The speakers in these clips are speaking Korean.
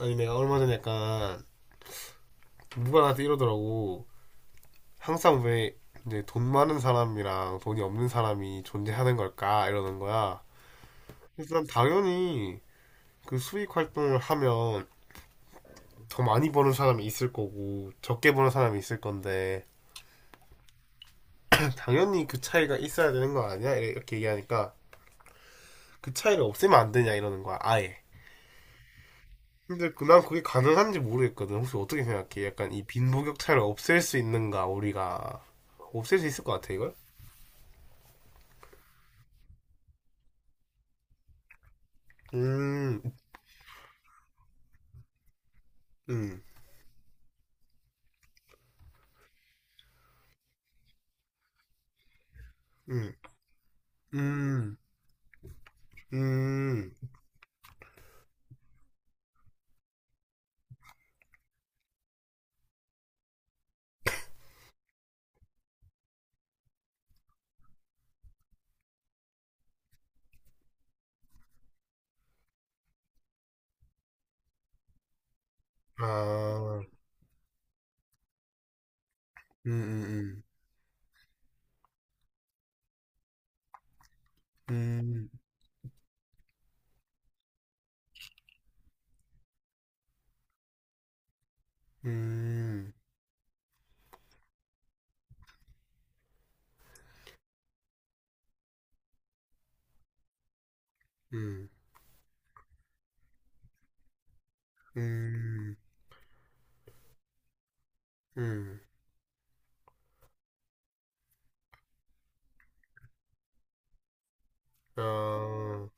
아니 내가 얼마 전에 약간 누가 나한테 이러더라고. 항상 왜 이제 돈 많은 사람이랑 돈이 없는 사람이 존재하는 걸까 이러는 거야. 그래서 난 당연히 그 수익 활동을 하면 더 많이 버는 사람이 있을 거고 적게 버는 사람이 있을 건데 당연히 그 차이가 있어야 되는 거 아니야? 이렇게 얘기하니까 그 차이를 없애면 안 되냐 이러는 거야 아예. 근데 난 그게 가능한지 모르겠거든. 혹시 어떻게 생각해? 약간 이 빈부격차를 없앨 수 있는가 우리가 없앨 수 있을 것 같아 이걸? 음, 음, 음, 음, 음, 아, 음, 음, 음, 음, 음, 음, 음, 아,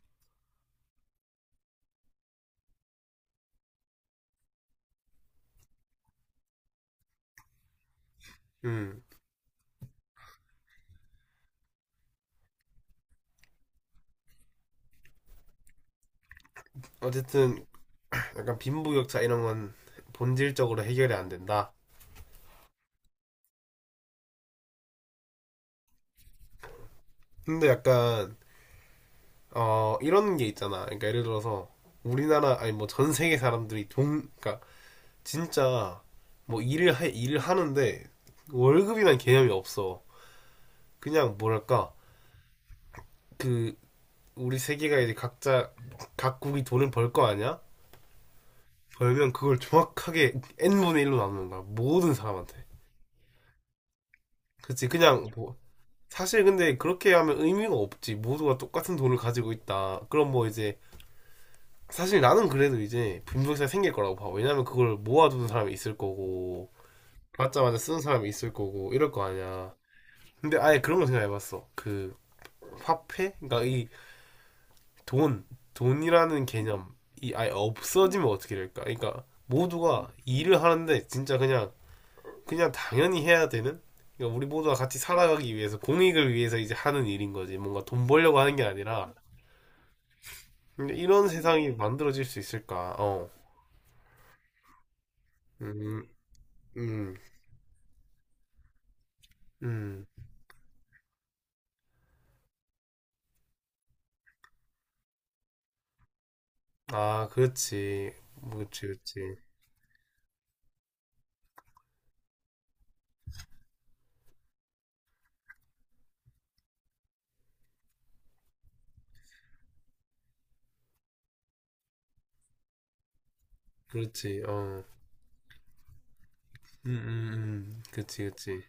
음. 어쨌든 약간 빈부격차 이런 건 본질적으로 해결이 안 된다. 근데 약간 어 이런 게 있잖아. 그러니까 예를 들어서 우리나라 아니 뭐 전 세계 사람들이 돈 그러니까 진짜 뭐 일을 하는데 월급이란 개념이 없어. 그냥 뭐랄까 그 우리 세계가 이제 각자 각국이 돈을 벌 거 아니야? 벌면 그걸 정확하게 n분의 1로 나누는 거야 모든 사람한테. 그치 그냥 뭐 사실 근데 그렇게 하면 의미가 없지. 모두가 똑같은 돈을 가지고 있다 그럼 뭐 이제 사실 나는 그래도 이제 빈부격차가 생길 거라고 봐. 왜냐면 그걸 모아두는 사람이 있을 거고 받자마자 쓰는 사람이 있을 거고 이럴 거 아니야. 근데 아예 그런 거 생각해봤어? 그 화폐? 그러니까 이 돈 돈이라는 개념이 아예 없어지면 어떻게 될까? 그러니까 모두가 일을 하는데 진짜 그냥 당연히 해야 되는, 그러니까 우리 모두가 같이 살아가기 위해서 공익을 위해서 이제 하는 일인 거지, 뭔가 돈 벌려고 하는 게 아니라. 근데 이런 세상이 만들어질 수 있을까? 어, 음, 음, 음, 아, 그렇지, 그렇지, 그렇지, 그렇지, 어, 그렇지, 그렇지,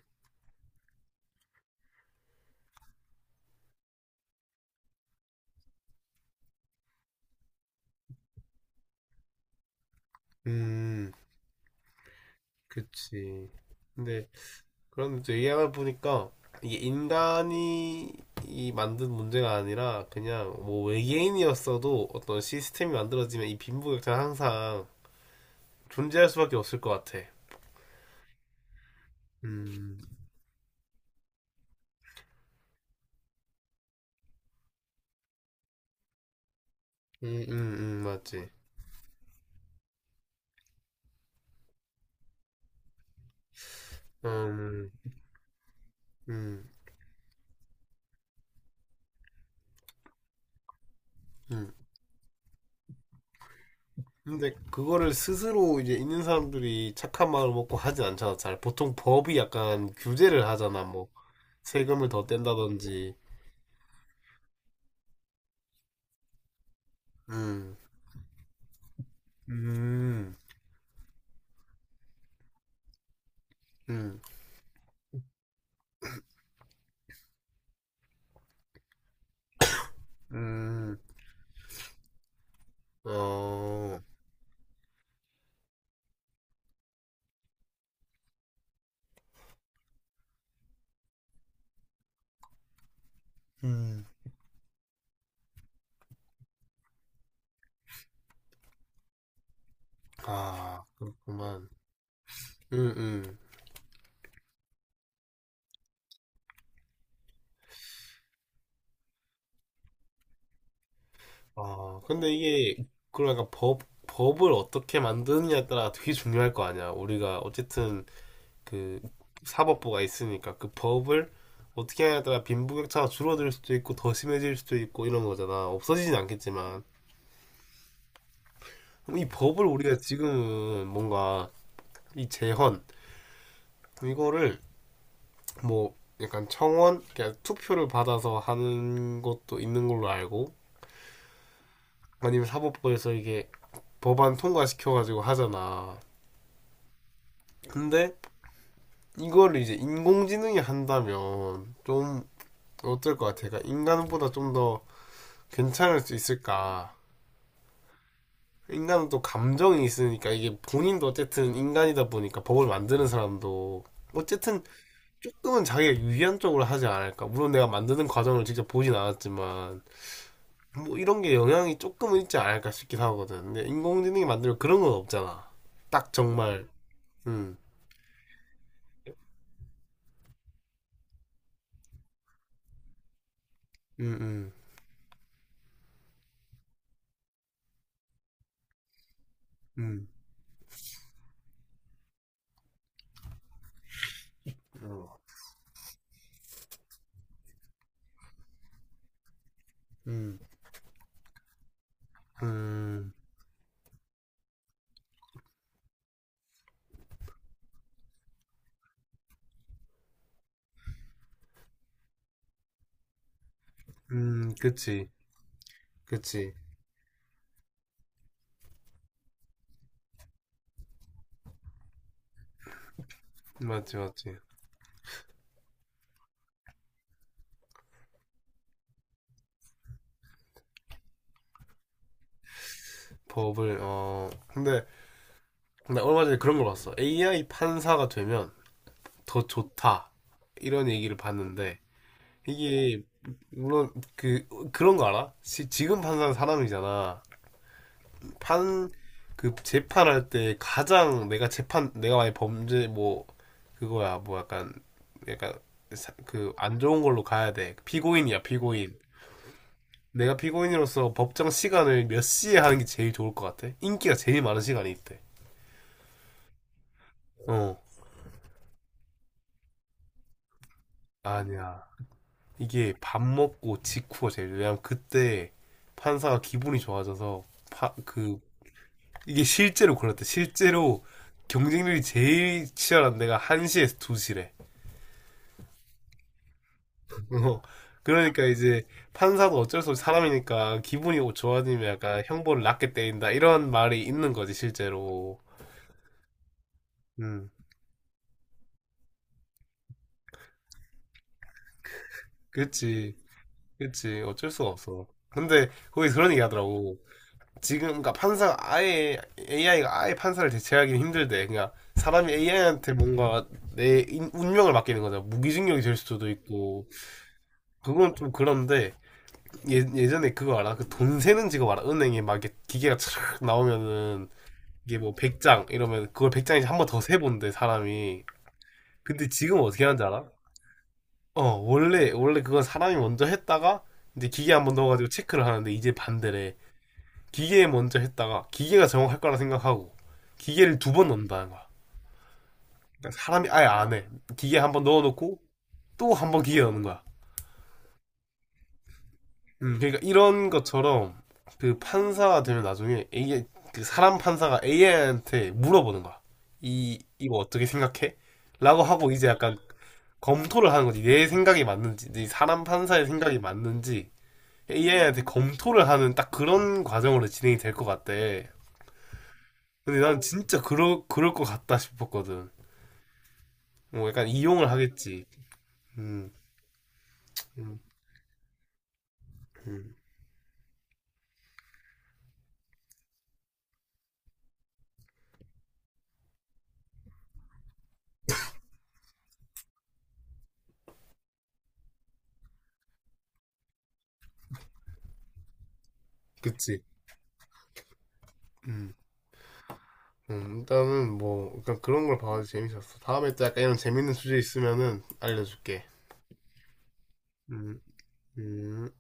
음, 그렇지. 근데 그런데 또 얘기하다 보니까 이게 인간이 이 만든 문제가 아니라 그냥 뭐 외계인이었어도 어떤 시스템이 만들어지면 이 빈부격차는 항상 존재할 수밖에 없을 것 같아. 음, 맞지. 음, 음, 음. 근데 그거를 스스로 이제 있는 사람들이 착한 마음을 먹고 하진 않잖아. 잘 보통 법이 약간 규제를 하잖아. 뭐 세금을 더 뗀다든지. 음, 음, 음, 음. 어, 음. 아, 그렇구만. 음, 음. 아, 근데 이게, 그러니까 법, 법을 어떻게 만드느냐에 따라 되게 중요할 거 아니야. 우리가 어쨌든 그 사법부가 있으니까 그 법을 어떻게 하냐에 따라 빈부격차가 줄어들 수도 있고 더 심해질 수도 있고 이런 거잖아. 없어지진 않겠지만. 그럼 이 법을 우리가 지금은 뭔가 이 재헌, 이거를 뭐 약간 청원, 그러니까 투표를 받아서 하는 것도 있는 걸로 알고 아니면 사법부에서 이게 법안 통과시켜가지고 하잖아. 근데 이거를 이제 인공지능이 한다면 좀 어떨 것 같아? 그러니까 인간보다 좀 더 괜찮을 수 있을까? 인간은 또 감정이 있으니까 이게 본인도 어쨌든 인간이다 보니까 법을 만드는 사람도 어쨌든 조금은 자기가 유리한 쪽으로 하지 않을까. 물론 내가 만드는 과정을 직접 보진 않았지만 뭐 이런 게 영향이 조금은 있지 않을까 싶기도 하거든. 근데 인공지능이 만들면 그런 건 없잖아. 딱 정말 음 음, 음, 음, 어. 음, 음, 그치, 그치. 맞지, 맞지. 법을, 어, 근데, 나 얼마 전에 그런 걸 봤어. AI 판사가 되면 더 좋다. 이런 얘기를 봤는데, 이게, 물론, 그, 그런 거 알아? 지금 판사는 사람이잖아. 판, 그, 재판할 때 가장 내가 재판, 내가 만약 범죄, 뭐, 그거야, 뭐 약간, 약간, 그, 안 좋은 걸로 가야 돼. 피고인이야, 피고인. 내가 피고인으로서 법정 시간을 몇 시에 하는 게 제일 좋을 것 같아? 인기가 제일 많은 시간이 있대. 어, 아니야. 이게 밥 먹고 직후가 제일, 왜냐면 그때 판사가 기분이 좋아져서, 파, 그, 이게 실제로 그렇대. 실제로 경쟁률이 제일 치열한 데가 1시에서 2시래. 어, 그러니까 이제 판사도 어쩔 수 없이 사람이니까 기분이 좋아지면 약간 형벌을 낮게 때린다. 이런 말이 있는 거지, 실제로. 음, 그치. 그치, 어쩔 수가 없어. 근데 거기 그런 얘기 하더라고. 지금, 그러니까 판사가 아예, AI가 아예 판사를 대체하기는 힘들대. 그러니까 사람이 AI한테 뭔가 운명을 맡기는 거잖아. 무기징역이 될 수도 있고. 그건 좀 그런데, 예, 예전에 그거 알아? 그 돈 세는 직업 알아? 은행에 막 이렇게 기계가 촤악 나오면은, 이게 뭐 100장 이러면 그걸 100장이지 한 번 더 세본대, 사람이. 근데 지금 어떻게 하는지 알아? 어, 원래 그건 사람이 먼저 했다가, 이제 기계 한 번 넣어가지고 체크를 하는데, 이제 반대래. 기계에 먼저 했다가 기계가 정확할 거라 생각하고 기계를 두 번 넣는다는 거야. 그러니까 사람이 아예 안 해. 기계 한번 넣어놓고 또 한번 기계 넣는 거야. 그러니까 이런 것처럼 그 판사가 되면 나중에 이게 그 사람 판사가 AI한테 물어보는 거야. 이 이거 어떻게 생각해? 라고 하고 이제 약간 검토를 하는 거지. 내 생각이 맞는지, 내 사람 판사의 생각이 맞는지 AI한테 검토를 하는 딱 그런 과정으로 진행이 될 것 같대. 근데 난 진짜 그럴 것 같다 싶었거든. 뭐 약간 이용을 하겠지. 음, 음, 음. 그치. 음, 일단은 뭐 약간 그런 걸 봐도 재밌었어. 다음에 또 약간 이런 재밌는 주제 있으면은 알려줄게. 음, 음.